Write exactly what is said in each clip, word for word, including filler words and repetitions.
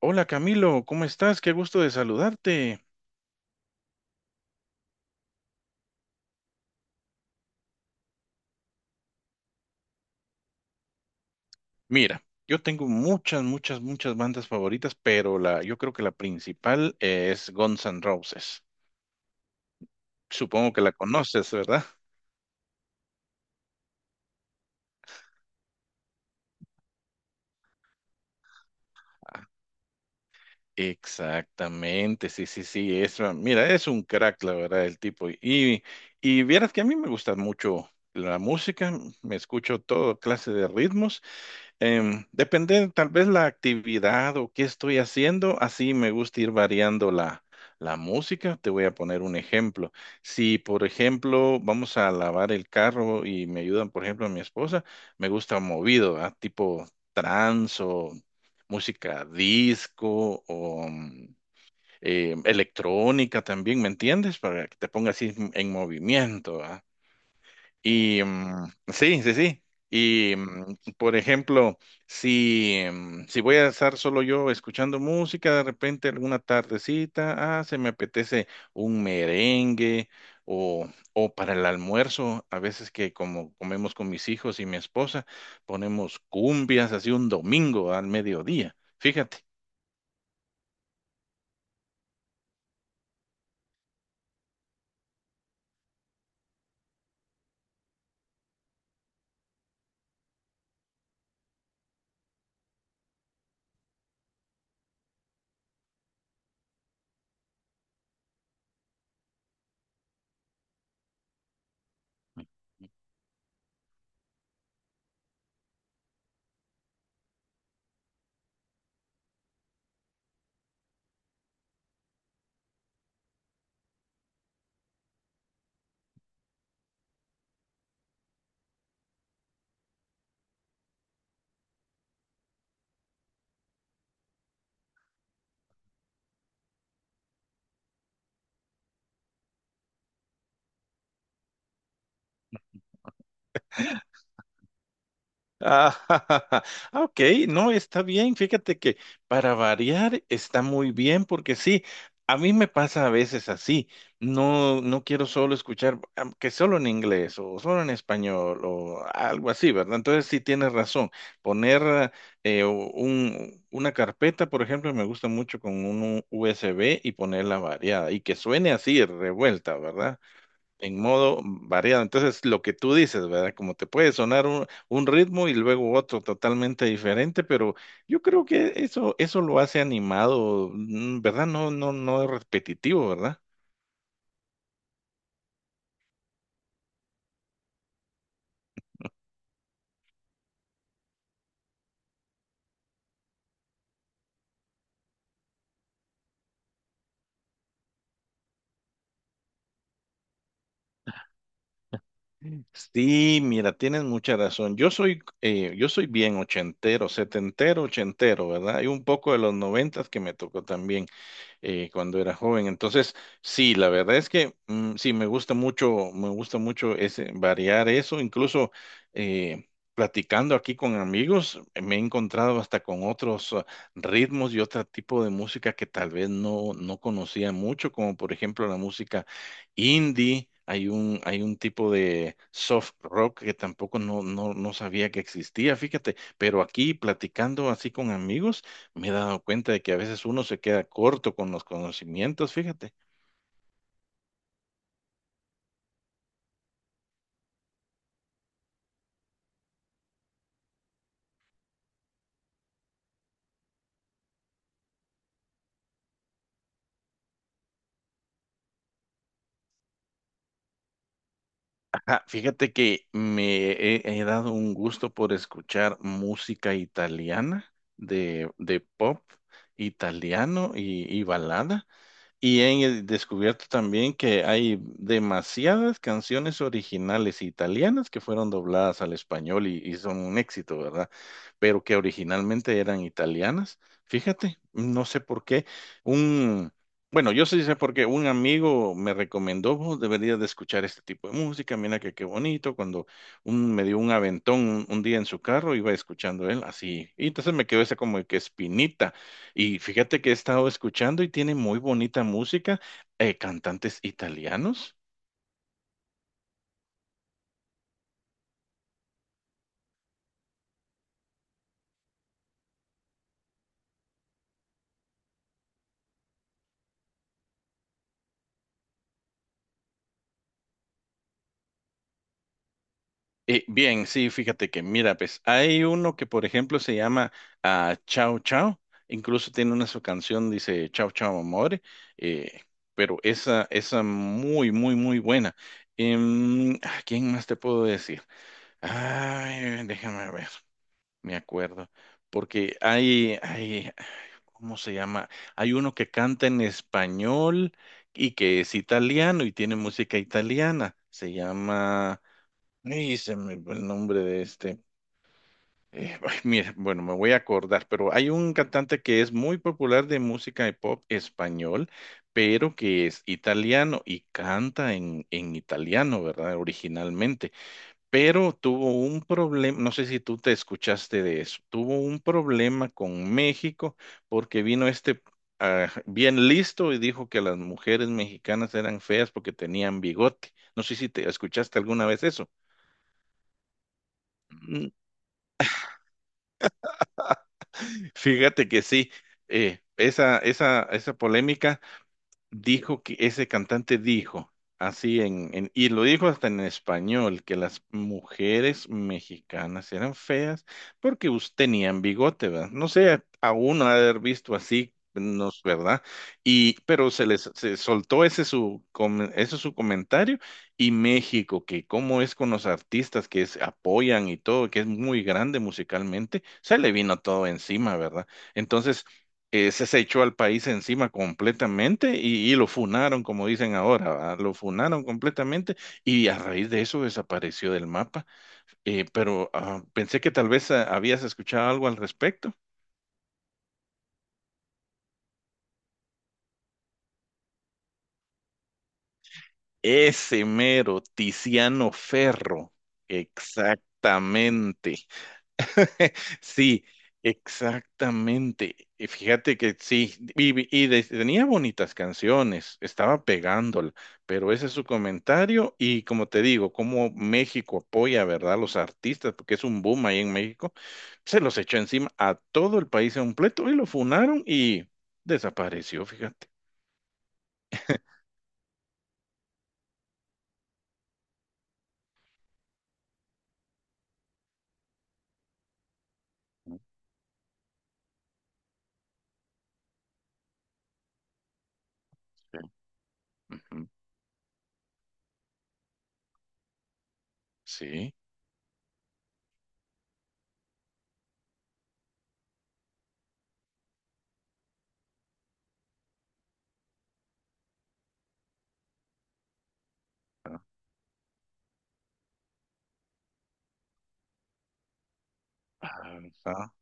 Hola Camilo, ¿cómo estás? Qué gusto de saludarte. Mira, yo tengo muchas, muchas, muchas bandas favoritas, pero la, yo creo que la principal es Guns N' Roses. Supongo que la conoces, ¿verdad? Ah, Exactamente, sí, sí, sí. Es, mira, es un crack, la verdad, el tipo. Y, y vieras que a mí me gusta mucho la música, me escucho todo clase de ritmos. Em, depende tal vez la actividad o qué estoy haciendo, así me gusta ir variando la, la música. Te voy a poner un ejemplo. Si, por ejemplo, vamos a lavar el carro y me ayudan, por ejemplo, a mi esposa, me gusta movido, ¿verdad? Tipo trance o música disco o mm, em, electrónica también, ¿me entiendes? Para que te ponga así en movimiento, ¿verdad? Y mm, sí, sí, sí. Y mm, por ejemplo, si, mm, si voy a estar solo yo escuchando música, de repente alguna tardecita, ah, se me apetece un merengue o, o para el almuerzo, a veces que como comemos con mis hijos y mi esposa, ponemos cumbias así un domingo al mediodía. Fíjate. Ah, ah, ok, no, está bien. Fíjate que para variar está muy bien porque sí, a mí me pasa a veces así. No, no quiero solo escuchar am, que solo en inglés o solo en español o algo así, ¿verdad? Entonces sí tienes razón. Poner ah, eh, un, una carpeta, por ejemplo, me gusta mucho con un U S B y ponerla variada y que suene así revuelta, ¿verdad? En modo variado. Entonces, lo que tú dices, ¿verdad? Como te puede sonar un, un ritmo y luego otro totalmente diferente, pero yo creo que eso, eso lo hace animado, mm, ¿verdad? No, no, no es repetitivo, ¿verdad? Sí, mira, tienes mucha razón. Yo soy, eh, yo soy bien ochentero, setentero, ochentero, ¿verdad? Y un poco de los noventas que me tocó también, eh, cuando era joven. Entonces, sí, la verdad es que mm, sí, me gusta mucho, me gusta mucho ese, variar eso, incluso eh, platicando aquí con amigos, me he encontrado hasta con otros ah, ritmos y otro tipo de música que tal vez no, no conocía mucho, como por ejemplo la música indie. Hay un, hay un tipo de soft rock que tampoco no, no, no sabía que existía, fíjate, pero aquí platicando así con amigos, me he dado cuenta de que a veces uno se queda corto con los conocimientos, fíjate. Ajá, fíjate que me he, he dado un gusto por escuchar música italiana, de, de pop italiano y, y balada. Y he descubierto también que hay demasiadas canciones originales italianas que fueron dobladas al español y, y son un éxito, ¿verdad? Pero que originalmente eran italianas. Fíjate, no sé por qué. Un, bueno, yo sí sé por qué. Un amigo me recomendó, "Vos deberías de escuchar este tipo de música, mira que qué bonito". Cuando un, me dio un aventón un, un día en su carro, iba escuchando él así. Y entonces me quedó esa como que espinita y fíjate que he estado escuchando y tiene muy bonita música, eh, cantantes italianos. Eh, bien, sí, fíjate que, mira, pues hay uno que, por ejemplo, se llama ah, Ciao Ciao, incluso tiene una su canción, dice Ciao Ciao Amore, eh, pero esa, esa muy, muy, muy buena. Em, ah, ¿quién más te puedo decir? Ay, déjame ver. Me acuerdo, porque hay, hay, ¿cómo se llama? Hay uno que canta en español y que es italiano y tiene música italiana. Se llama, ay, se me fue el nombre de este. Eh, ay, mira, bueno, me voy a acordar, pero hay un cantante que es muy popular de música de pop español, pero que es italiano y canta en, en italiano, ¿verdad? Originalmente pero tuvo un problema, no sé si tú te escuchaste de eso, tuvo un problema con México porque vino este ah, bien listo y dijo que las mujeres mexicanas eran feas porque tenían bigote. No sé si te escuchaste alguna vez eso. Mm. Fíjate que sí, eh, esa, esa, esa polémica. Dijo que ese cantante dijo, así en, en- y lo dijo hasta en español, que las mujeres mexicanas eran feas porque us- tenían bigote, ¿verdad? No sé, aún haber visto así, no es verdad. Y, pero se les se soltó ese su, com- ese su comentario y México, que cómo es con los artistas que se apoyan y todo, que es muy grande musicalmente, se le vino todo encima, ¿verdad? Entonces, ese se echó al país encima completamente y, y lo funaron, como dicen ahora, ¿verdad? Lo funaron completamente y a raíz de eso desapareció del mapa. Eh, pero ah, pensé que tal vez ah, habías escuchado algo al respecto. Ese mero Tiziano Ferro, exactamente. Sí, exactamente. Y fíjate que sí, y, y de- tenía bonitas canciones, estaba pegándola, pero ese es su comentario y como te digo, como México apoya, ¿verdad? A los artistas, porque es un boom ahí en México, se los echó encima a todo el país completo y lo funaron y desapareció, fíjate. Sí. Ujú. Sí. Ah, Ah, ah,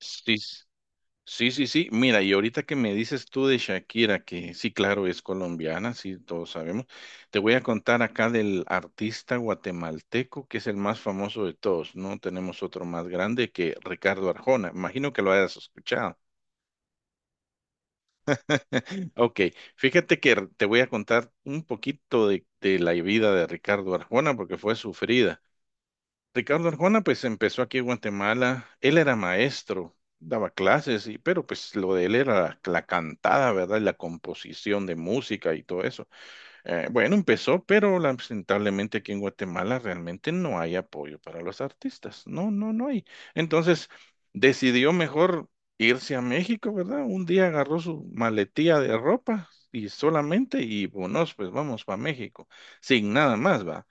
sí. Sí, sí, sí. Mira, y ahorita que me dices tú de Shakira, que sí, claro, es colombiana, sí, todos sabemos. Te voy a contar acá del artista guatemalteco, que es el más famoso de todos, ¿no? Tenemos otro más grande que Ricardo Arjona. Imagino que lo hayas escuchado. Ok, fíjate que te voy a contar un poquito de, de la vida de Ricardo Arjona, porque fue sufrida. Ricardo Arjona pues empezó aquí en Guatemala, él era maestro, daba clases, y, pero pues lo de él era la, la cantada, ¿verdad? Y la composición de música y todo eso. Eh, bueno, empezó, pero lamentablemente aquí en Guatemala realmente no hay apoyo para los artistas. No, no, no hay. Entonces decidió mejor irse a México, ¿verdad? Un día agarró su maletía de ropa y solamente, y bueno, pues vamos para México, sin nada más, va.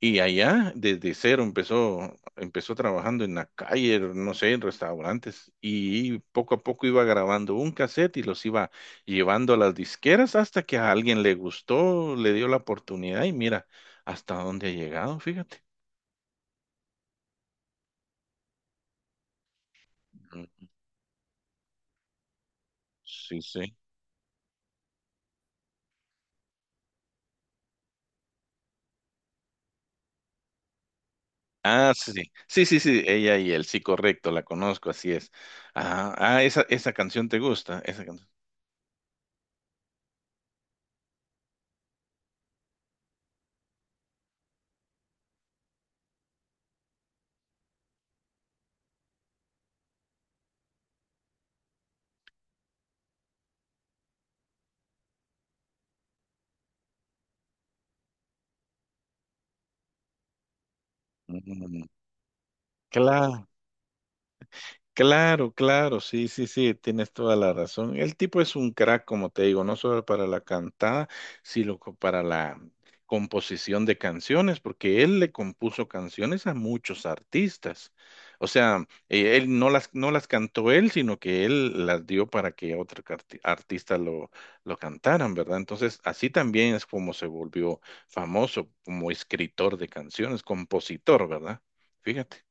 Y allá, desde cero, empezó, empezó trabajando en la calle, no sé, en restaurantes, y poco a poco iba grabando un cassette y los iba llevando a las disqueras hasta que a alguien le gustó, le dio la oportunidad y mira hasta dónde ha llegado, fíjate. Ujú. Sí, sí. Ah, sí, sí, sí, sí, sí, ella y él, sí, correcto, la conozco, así es. Ah, ah, esa, esa canción te gusta, esa canción. Mm, claro. Claro, claro, sí, sí, sí, tienes toda la razón. El tipo es un crack, como te digo, no solo para la cantada, sino co- para la composición de canciones, porque él le compuso canciones a muchos artistas. O sea, eh, él no las, no las cantó él, sino que él las dio para que otro carti- artista lo, lo cantaran, ¿verdad? Entonces, así también es como se volvió famoso como escritor de canciones, compositor, ¿verdad? Fíjate.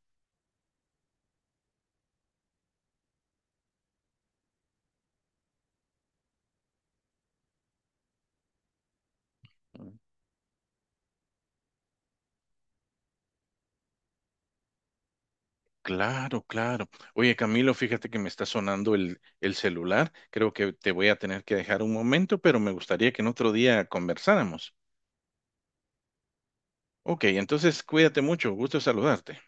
Claro, claro. Oye, Camilo, fíjate que me está sonando el, el celular. Creo que te voy a tener que dejar un momento, pero me gustaría que en otro día conversáramos. Ok, entonces cuídate mucho. Gusto saludarte.